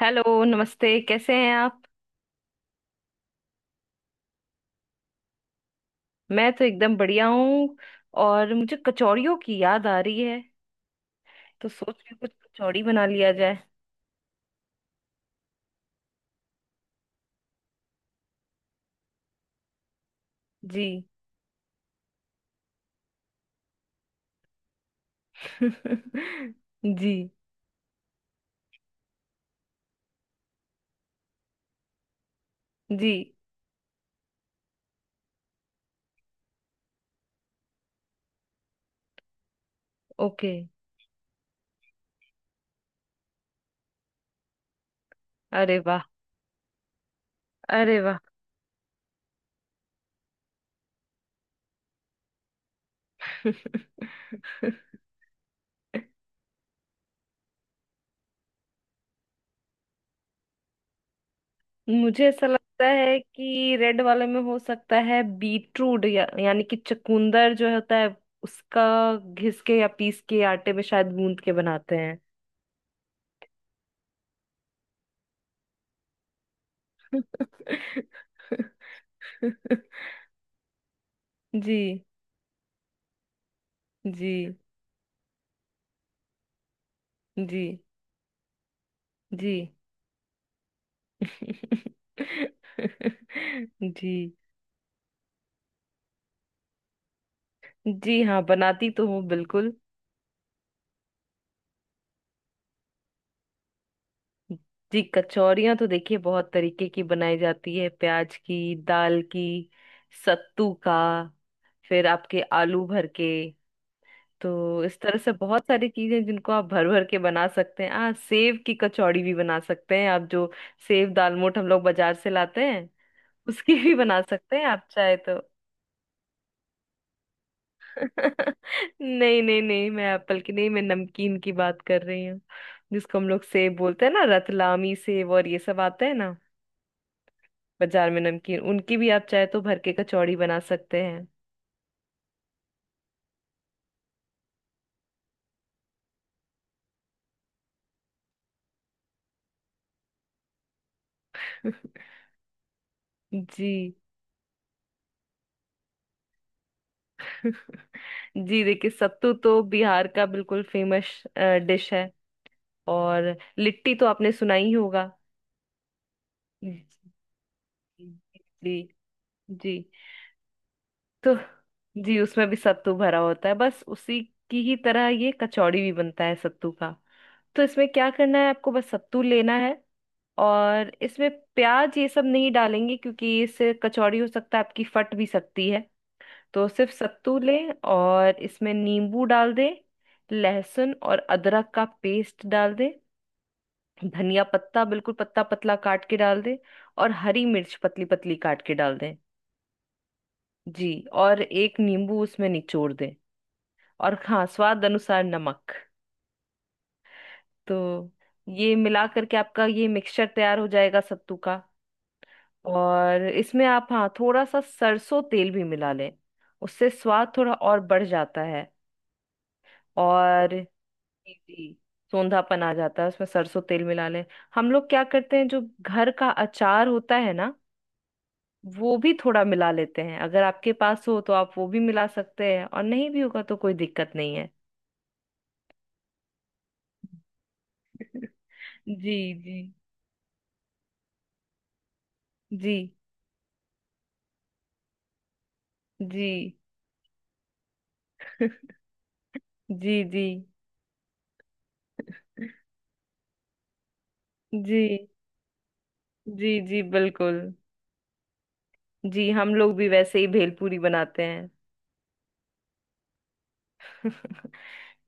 Hello नमस्ते, कैसे हैं आप। मैं तो एकदम बढ़िया हूँ। और मुझे कचौड़ियों की याद आ रही है। तो सोच रही हूँ कुछ कचौड़ी बना लिया जाए। जी। जी। जी। ओके। अरे वाह। अरे वाह। मुझे ऐसा लगता है कि रेड वाले में हो सकता है बीटरूट या, यानी कि चुकंदर जो होता है उसका घिस के या पीस के आटे में शायद गूंद के बनाते हैं। जी। जी। जी। जी। जी। जी हाँ, बनाती तो हूँ बिल्कुल। जी, कचौरियाँ तो देखिए बहुत तरीके की बनाई जाती है, प्याज की, दाल की, सत्तू का, फिर आपके आलू भर के। तो इस तरह से बहुत सारी चीजें जिनको आप भर भर के बना सकते हैं। हाँ, सेव की कचौड़ी भी बना सकते हैं आप, जो सेव दालमोठ हम लोग बाजार से लाते हैं, उसकी भी बना सकते हैं आप चाहे तो। नहीं नहीं नहीं, मैं एप्पल की नहीं, मैं नमकीन की बात कर रही हूँ। जिसको हम लोग सेब बोलते हैं ना, रतलामी सेब और ये सब आते हैं ना बाजार में नमकीन, उनकी भी आप चाहे तो भर के कचौड़ी बना सकते हैं। जी। जी देखिए, सत्तू तो बिहार का बिल्कुल फेमस डिश है। और लिट्टी तो आपने सुना ही होगा। जी। जी। जी। जी। तो जी, उसमें भी सत्तू भरा होता है, बस उसी की ही तरह ये कचौड़ी भी बनता है सत्तू का। तो इसमें क्या करना है, आपको बस सत्तू लेना है और इसमें प्याज ये सब नहीं डालेंगे, क्योंकि इससे कचौड़ी हो सकता है आपकी फट भी सकती है। तो सिर्फ सत्तू लें और इसमें नींबू डाल दें। लहसुन और अदरक का पेस्ट डाल दें। धनिया पत्ता बिल्कुल पत्ता पतला काट के डाल दें और हरी मिर्च पतली पतली काट के डाल दें। जी। और एक नींबू उसमें निचोड़ दें। और हाँ, स्वाद अनुसार नमक। तो ये मिला करके आपका ये मिक्सचर तैयार हो जाएगा सत्तू का। और इसमें आप हाँ, थोड़ा सा सरसों तेल भी मिला लें। उससे स्वाद थोड़ा और बढ़ जाता है। और जी जी, सौंधापन आ जाता है, उसमें सरसों तेल मिला लें। हम लोग क्या करते हैं, जो घर का अचार होता है ना, वो भी थोड़ा मिला लेते हैं। अगर आपके पास हो तो आप वो भी मिला सकते हैं और नहीं भी होगा तो कोई दिक्कत नहीं है। जी। जी। जी। जी। जी। जी। जी। जी। जी बिल्कुल। जी, हम लोग भी वैसे ही भेलपूरी बनाते हैं।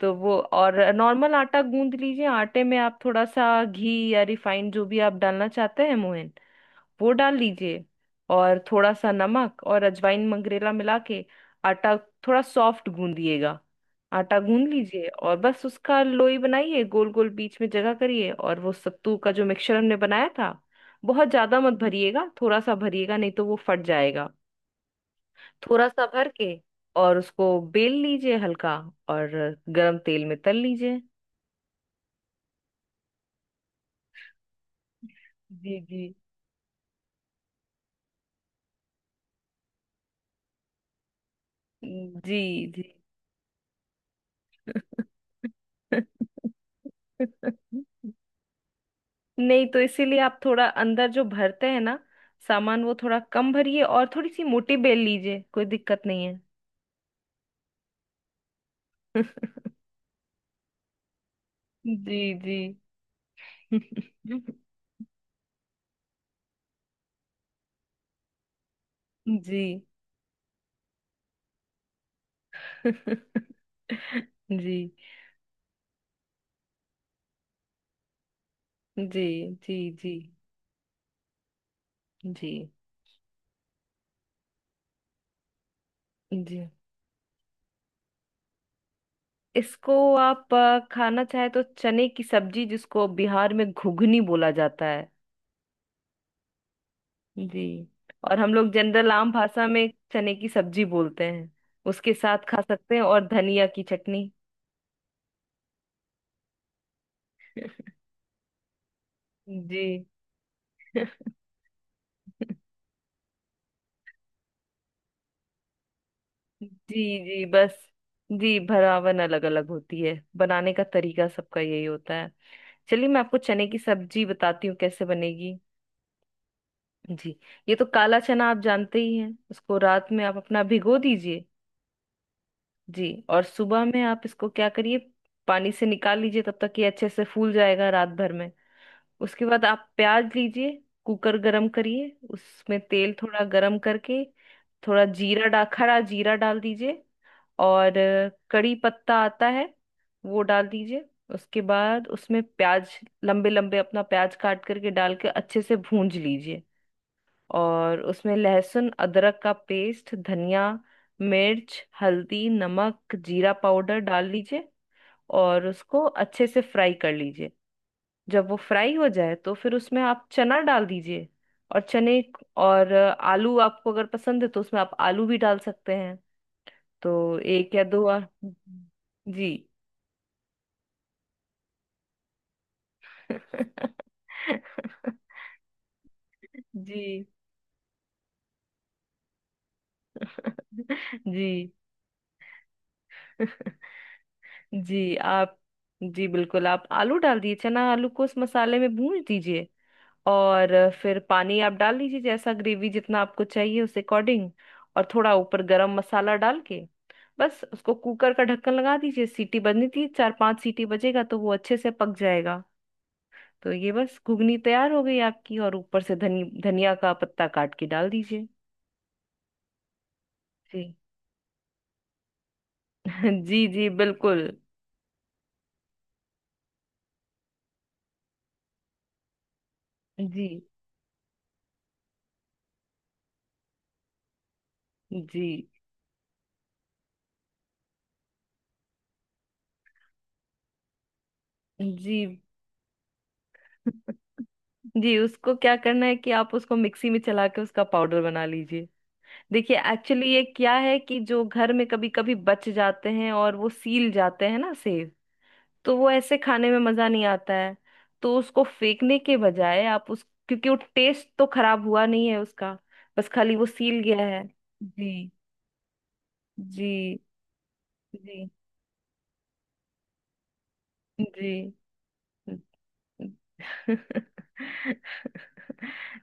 तो वो और नॉर्मल आटा गूंद लीजिए। आटे में आप थोड़ा सा घी या रिफाइंड जो भी आप डालना चाहते हैं, मोहन, वो डाल लीजिए। और थोड़ा सा नमक और अजवाइन मंगरेला मिला के आटा थोड़ा सॉफ्ट गूंदिएगा। आटा गूंद लीजिए और बस उसका लोई बनाइए, गोल गोल बीच में जगह करिए, और वो सत्तू का जो मिक्सचर हमने बनाया था, बहुत ज्यादा मत भरिएगा, थोड़ा सा भरिएगा, नहीं तो वो फट जाएगा। थोड़ा सा भर के और उसको बेल लीजिए हल्का। और गरम तेल में तल लीजिए। जी। जी। जी। जी। नहीं, तो इसीलिए आप थोड़ा अंदर जो भरते हैं ना सामान, वो थोड़ा कम भरिए और थोड़ी सी मोटी बेल लीजिए। कोई दिक्कत नहीं है। जी। जी। जी। जी। जी। जी। जी। जी। जी। इसको आप खाना चाहे तो चने की सब्जी, जिसको बिहार में घुघनी बोला जाता है। जी। और हम लोग जनरल आम भाषा में चने की सब्जी बोलते हैं। उसके साथ खा सकते हैं, और धनिया की चटनी। जी। जी। जी, बस। जी, भरावन अलग अलग होती है, बनाने का तरीका सबका यही होता है। चलिए, मैं आपको चने की सब्जी बताती हूँ कैसे बनेगी। जी, ये तो काला चना आप जानते ही हैं, उसको रात में आप अपना भिगो दीजिए। जी। और सुबह में आप इसको क्या करिए, पानी से निकाल लीजिए, तब तक ये अच्छे से फूल जाएगा रात भर में। उसके बाद आप प्याज लीजिए। कुकर गरम करिए, उसमें तेल थोड़ा गरम करके थोड़ा जीरा डा खड़ा जीरा डाल दीजिए। और कड़ी पत्ता आता है, वो डाल दीजिए। उसके बाद उसमें प्याज, लंबे लंबे अपना प्याज काट करके डाल के अच्छे से भूंज लीजिए। और उसमें लहसुन अदरक का पेस्ट, धनिया, मिर्च, हल्दी, नमक, जीरा पाउडर डाल लीजिए। और उसको अच्छे से फ्राई कर लीजिए। जब वो फ्राई हो जाए तो फिर उसमें आप चना डाल दीजिए। और चने और आलू आपको अगर पसंद है तो उसमें आप आलू भी डाल सकते हैं। तो एक या दो। जी। जी। जी। जी। आप। जी बिल्कुल, आप आलू डाल दिए, चना आलू को उस मसाले में भून दीजिए। और फिर पानी आप डाल लीजिए, जैसा ग्रेवी जितना आपको चाहिए उस अकॉर्डिंग। और थोड़ा ऊपर गरम मसाला डाल के बस उसको कुकर का ढक्कन लगा दीजिए। सीटी बजनी थी, चार पांच सीटी बजेगा तो वो अच्छे से पक जाएगा। तो ये बस घुगनी तैयार हो गई आपकी। और ऊपर से धनी धनिया का पत्ता काट के डाल दीजिए। जी। जी। जी बिल्कुल। जी। जी। जी। जी, उसको क्या करना है कि आप उसको मिक्सी में चला के उसका पाउडर बना लीजिए। देखिए, एक्चुअली ये क्या है कि जो घर में कभी कभी बच जाते हैं और वो सील जाते हैं ना सेब, तो वो ऐसे खाने में मजा नहीं आता है। तो उसको फेंकने के बजाय आप उस, क्योंकि वो टेस्ट तो खराब हुआ नहीं है उसका, बस खाली वो सील गया है। जी। जी। जी। जी।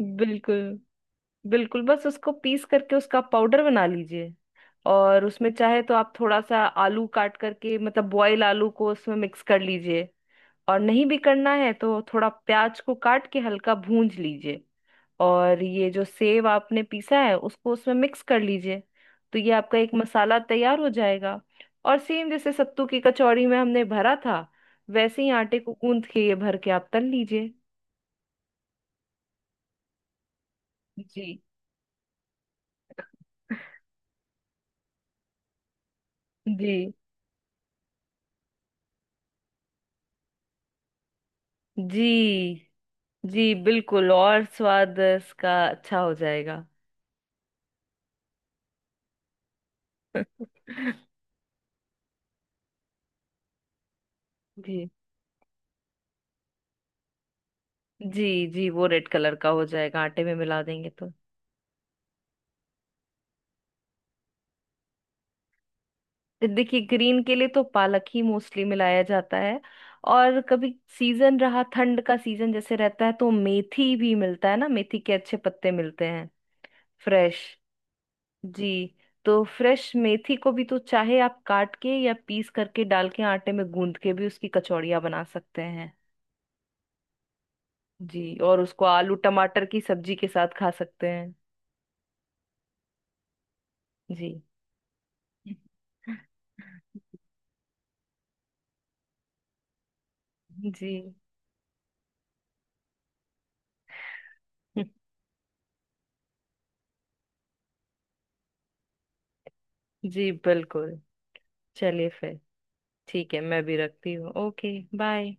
बिल्कुल बिल्कुल, बस उसको पीस करके उसका पाउडर बना लीजिए। और उसमें चाहे तो आप थोड़ा सा आलू काट करके, मतलब बॉयल आलू को, उसमें मिक्स कर लीजिए। और नहीं भी करना है तो थोड़ा प्याज को काट के हल्का भूंज लीजिए। और ये जो सेव आपने पीसा है उसको उसमें मिक्स कर लीजिए। तो ये आपका एक मसाला तैयार हो जाएगा। और सेम जैसे सत्तू की कचौड़ी में हमने भरा था, वैसे ही आटे को गूंथ के ये भर के आप तल लीजिए। जी। जी। जी। जी बिल्कुल, और स्वाद इसका अच्छा हो जाएगा। जी। जी। जी, वो रेड कलर का हो जाएगा आटे में मिला देंगे तो। देखिए, ग्रीन के लिए तो पालक ही मोस्टली मिलाया जाता है। और कभी सीजन रहा, ठंड का सीजन जैसे रहता है, तो मेथी भी मिलता है ना, मेथी के अच्छे पत्ते मिलते हैं, फ्रेश। जी। तो फ्रेश मेथी को भी तो चाहे आप काट के या पीस करके डाल के आटे में गूंद के भी उसकी कचौड़ियाँ बना सकते हैं। जी, और उसको आलू टमाटर की सब्जी के साथ खा सकते हैं। जी। जी। जी बिल्कुल। चलिए फिर। ठीक है, मैं भी रखती हूँ। Okay, bye.